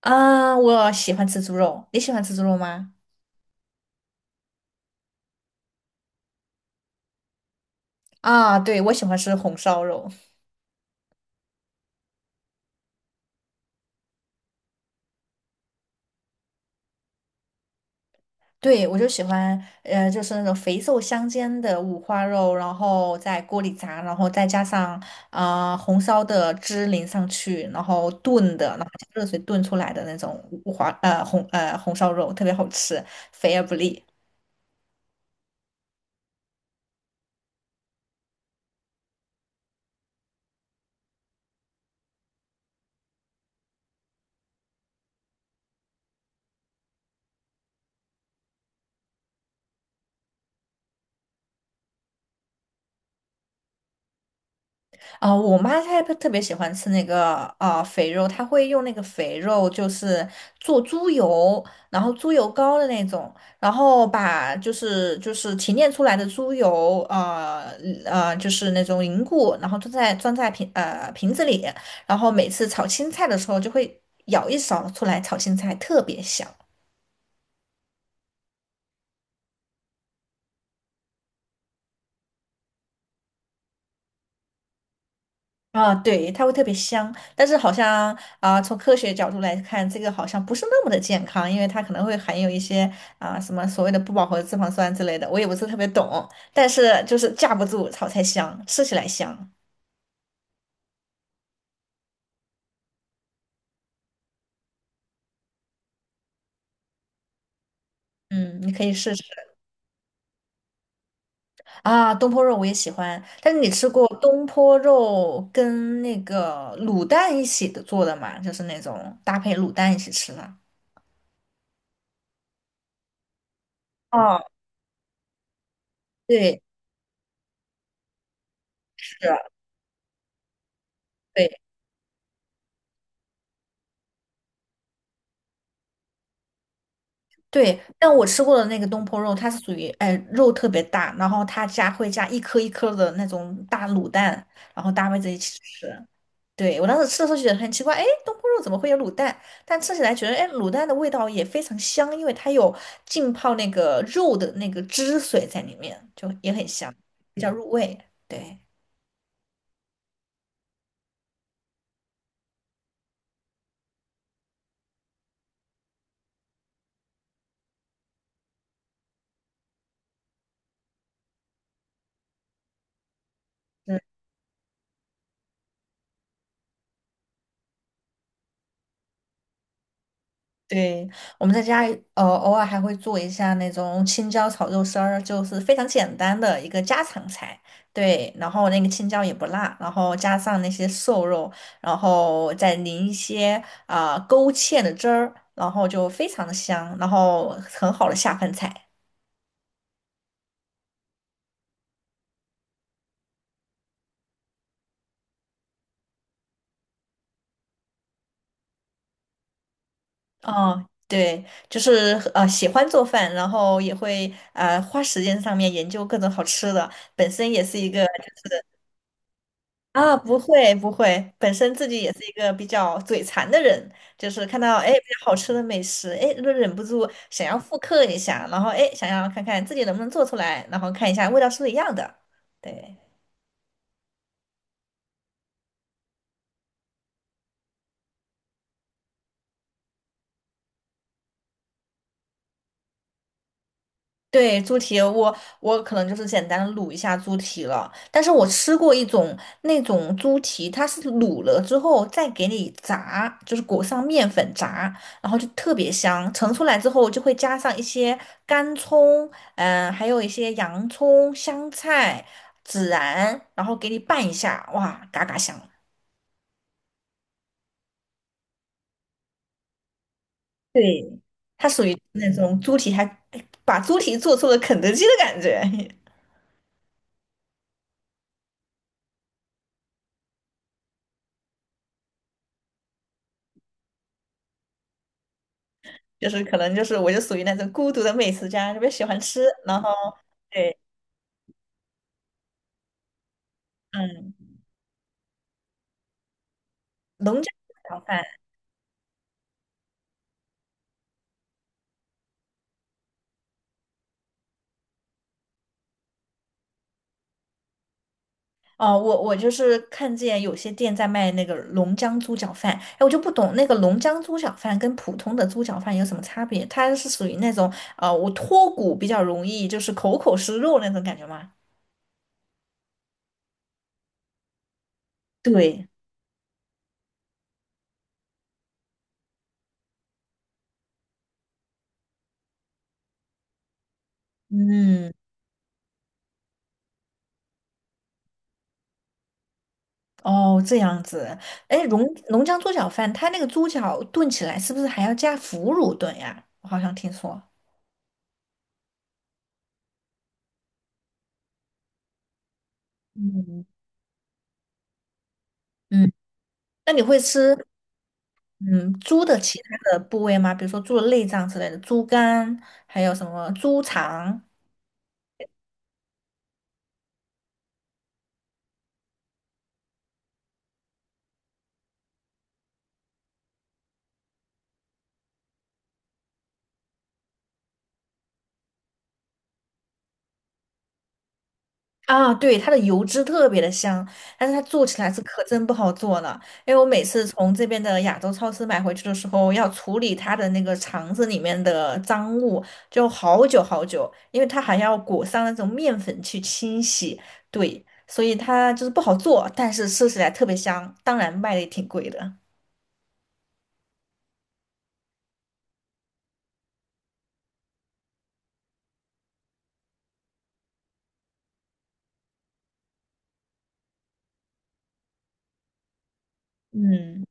啊，我喜欢吃猪肉，你喜欢吃猪肉吗？啊，对，我喜欢吃红烧肉，对，我就喜欢，就是那种肥瘦相间的五花肉，然后在锅里炸，然后再加上红烧的汁淋上去，然后炖的，然后加热水炖出来的那种五花呃红呃红烧肉，特别好吃，肥而不腻。我妈她特别喜欢吃那个肥肉，她会用那个肥肉，就是做猪油，然后猪油膏的那种，然后把就是提炼出来的猪油，就是那种凝固，然后装在瓶子里，然后每次炒青菜的时候就会舀一勺出来炒青菜，特别香。啊，对，它会特别香，但是好像从科学角度来看，这个好像不是那么的健康，因为它可能会含有一些什么所谓的不饱和脂肪酸之类的，我也不是特别懂，但是就是架不住炒菜香，吃起来香。嗯，你可以试试啊，东坡肉我也喜欢，但是你吃过东坡肉跟那个卤蛋一起的做的嘛？就是那种搭配卤蛋一起吃的。哦，对，是，对。对，但我吃过的那个东坡肉，它是属于哎肉特别大，然后它加会加一颗一颗的那种大卤蛋，然后搭配在一起吃。对，我当时吃的时候觉得很奇怪，哎，东坡肉怎么会有卤蛋？但吃起来觉得，哎，卤蛋的味道也非常香，因为它有浸泡那个肉的那个汁水在里面，就也很香，比较入味。对。嗯。对，我们在家偶尔还会做一下那种青椒炒肉丝儿，就是非常简单的一个家常菜。对，然后那个青椒也不辣，然后加上那些瘦肉，然后再淋一些勾芡的汁儿，然后就非常的香，然后很好的下饭菜。哦，对，就是喜欢做饭，然后也会花时间上面研究各种好吃的，本身也是一个。啊，不会不会，本身自己也是一个比较嘴馋的人，就是看到哎比较好吃的美食，哎就忍不住想要复刻一下，然后哎想要看看自己能不能做出来，然后看一下味道是不是一样的。对。对，猪蹄，我可能就是简单的卤一下猪蹄了。但是我吃过一种那种猪蹄，它是卤了之后再给你炸，就是裹上面粉炸，然后就特别香。盛出来之后就会加上一些干葱，还有一些洋葱、香菜、孜然，然后给你拌一下，哇，嘎嘎香。对，它属于那种猪蹄还，哎把猪蹄做出了肯德基的感觉。就是可能就是我就属于那种孤独的美食家，特别喜欢吃。然后对，嗯，龙江猪脚饭哦，我就是看见有些店在卖那个龙江猪脚饭，哎，我就不懂那个龙江猪脚饭跟普通的猪脚饭有什么差别？它是属于那种啊，我脱骨比较容易，就是口口是肉那种感觉吗？对，嗯，哦，这样子。哎，龙江猪脚饭，它那个猪脚炖起来是不是还要加腐乳炖呀？我好像听说。嗯嗯。那你会吃嗯猪的其他的部位吗？比如说猪的内脏之类的，猪肝，还有什么猪肠啊？对，它的油脂特别的香，但是它做起来是可真不好做了。因为我每次从这边的亚洲超市买回去的时候，要处理它的那个肠子里面的脏物，就好久好久，因为它还要裹上那种面粉去清洗，对，所以它就是不好做，但是吃起来特别香，当然卖的也挺贵的，嗯。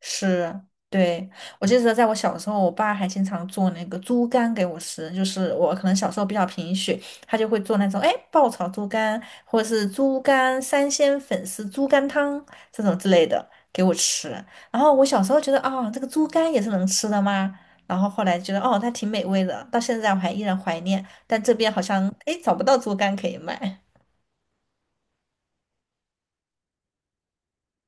是，对，我记得在我小时候，我爸还经常做那个猪肝给我吃，就是我可能小时候比较贫血，他就会做那种哎爆炒猪肝，或者是猪肝三鲜粉丝、猪肝汤这种之类的给我吃。然后我小时候觉得这个猪肝也是能吃的吗？然后后来觉得哦，它挺美味的，到现在我还依然怀念。但这边好像哎找不到猪肝可以买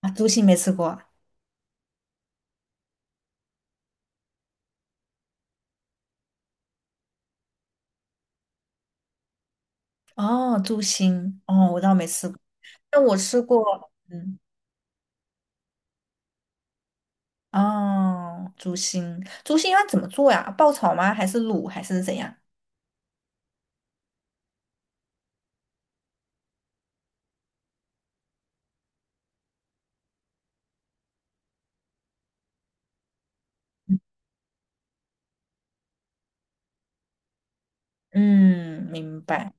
啊，猪心没吃过啊哦，猪心哦，我倒没吃过，但我吃过。嗯。哦，猪心，猪心要怎么做呀？爆炒吗？还是卤？还是怎样？嗯，明白。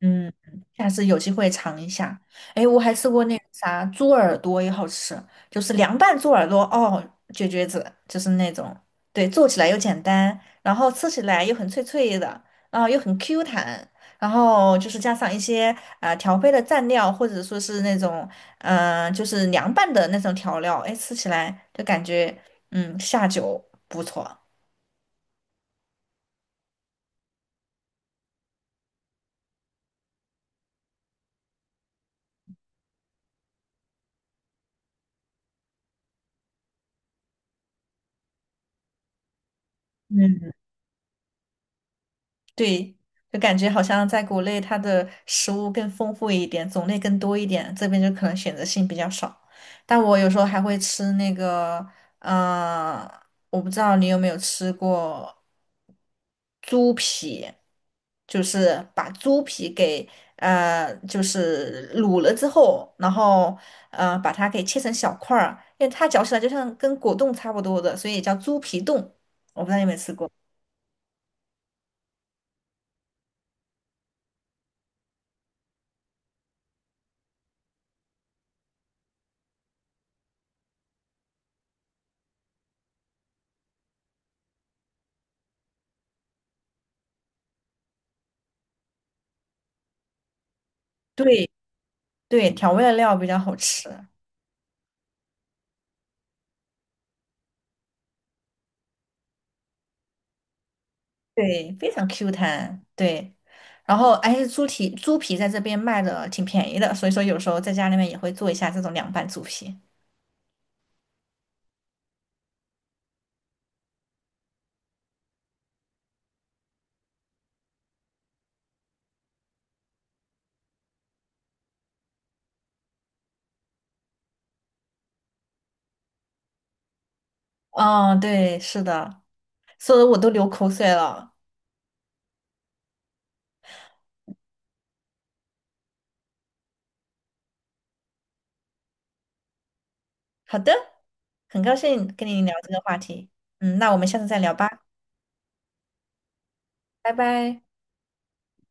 嗯，下次有机会尝一下。哎，我还吃过那个啥猪耳朵，也好吃，就是凉拌猪耳朵哦，绝绝子，就是那种，对，做起来又简单，然后吃起来又很脆脆的，然后又很 Q 弹，然后就是加上一些调配的蘸料，或者说是那种就是凉拌的那种调料，哎，吃起来就感觉下酒不错。嗯。对，就感觉好像在国内它的食物更丰富一点，种类更多一点，这边就可能选择性比较少。但我有时候还会吃那个，呃，我不知道你有没有吃过猪皮，就是把猪皮给就是卤了之后，然后把它给切成小块儿，因为它嚼起来就像跟果冻差不多的，所以也叫猪皮冻。我不知道你有没有吃过。对，对，调味的料比较好吃，对，非常 Q 弹，对。然后，哎，猪蹄猪皮在这边卖的挺便宜的，所以说有时候在家里面也会做一下这种凉拌猪皮。嗯，对，是的，说的我都流口水了。好的，很高兴跟你聊这个话题，嗯，那我们下次再聊吧，拜拜。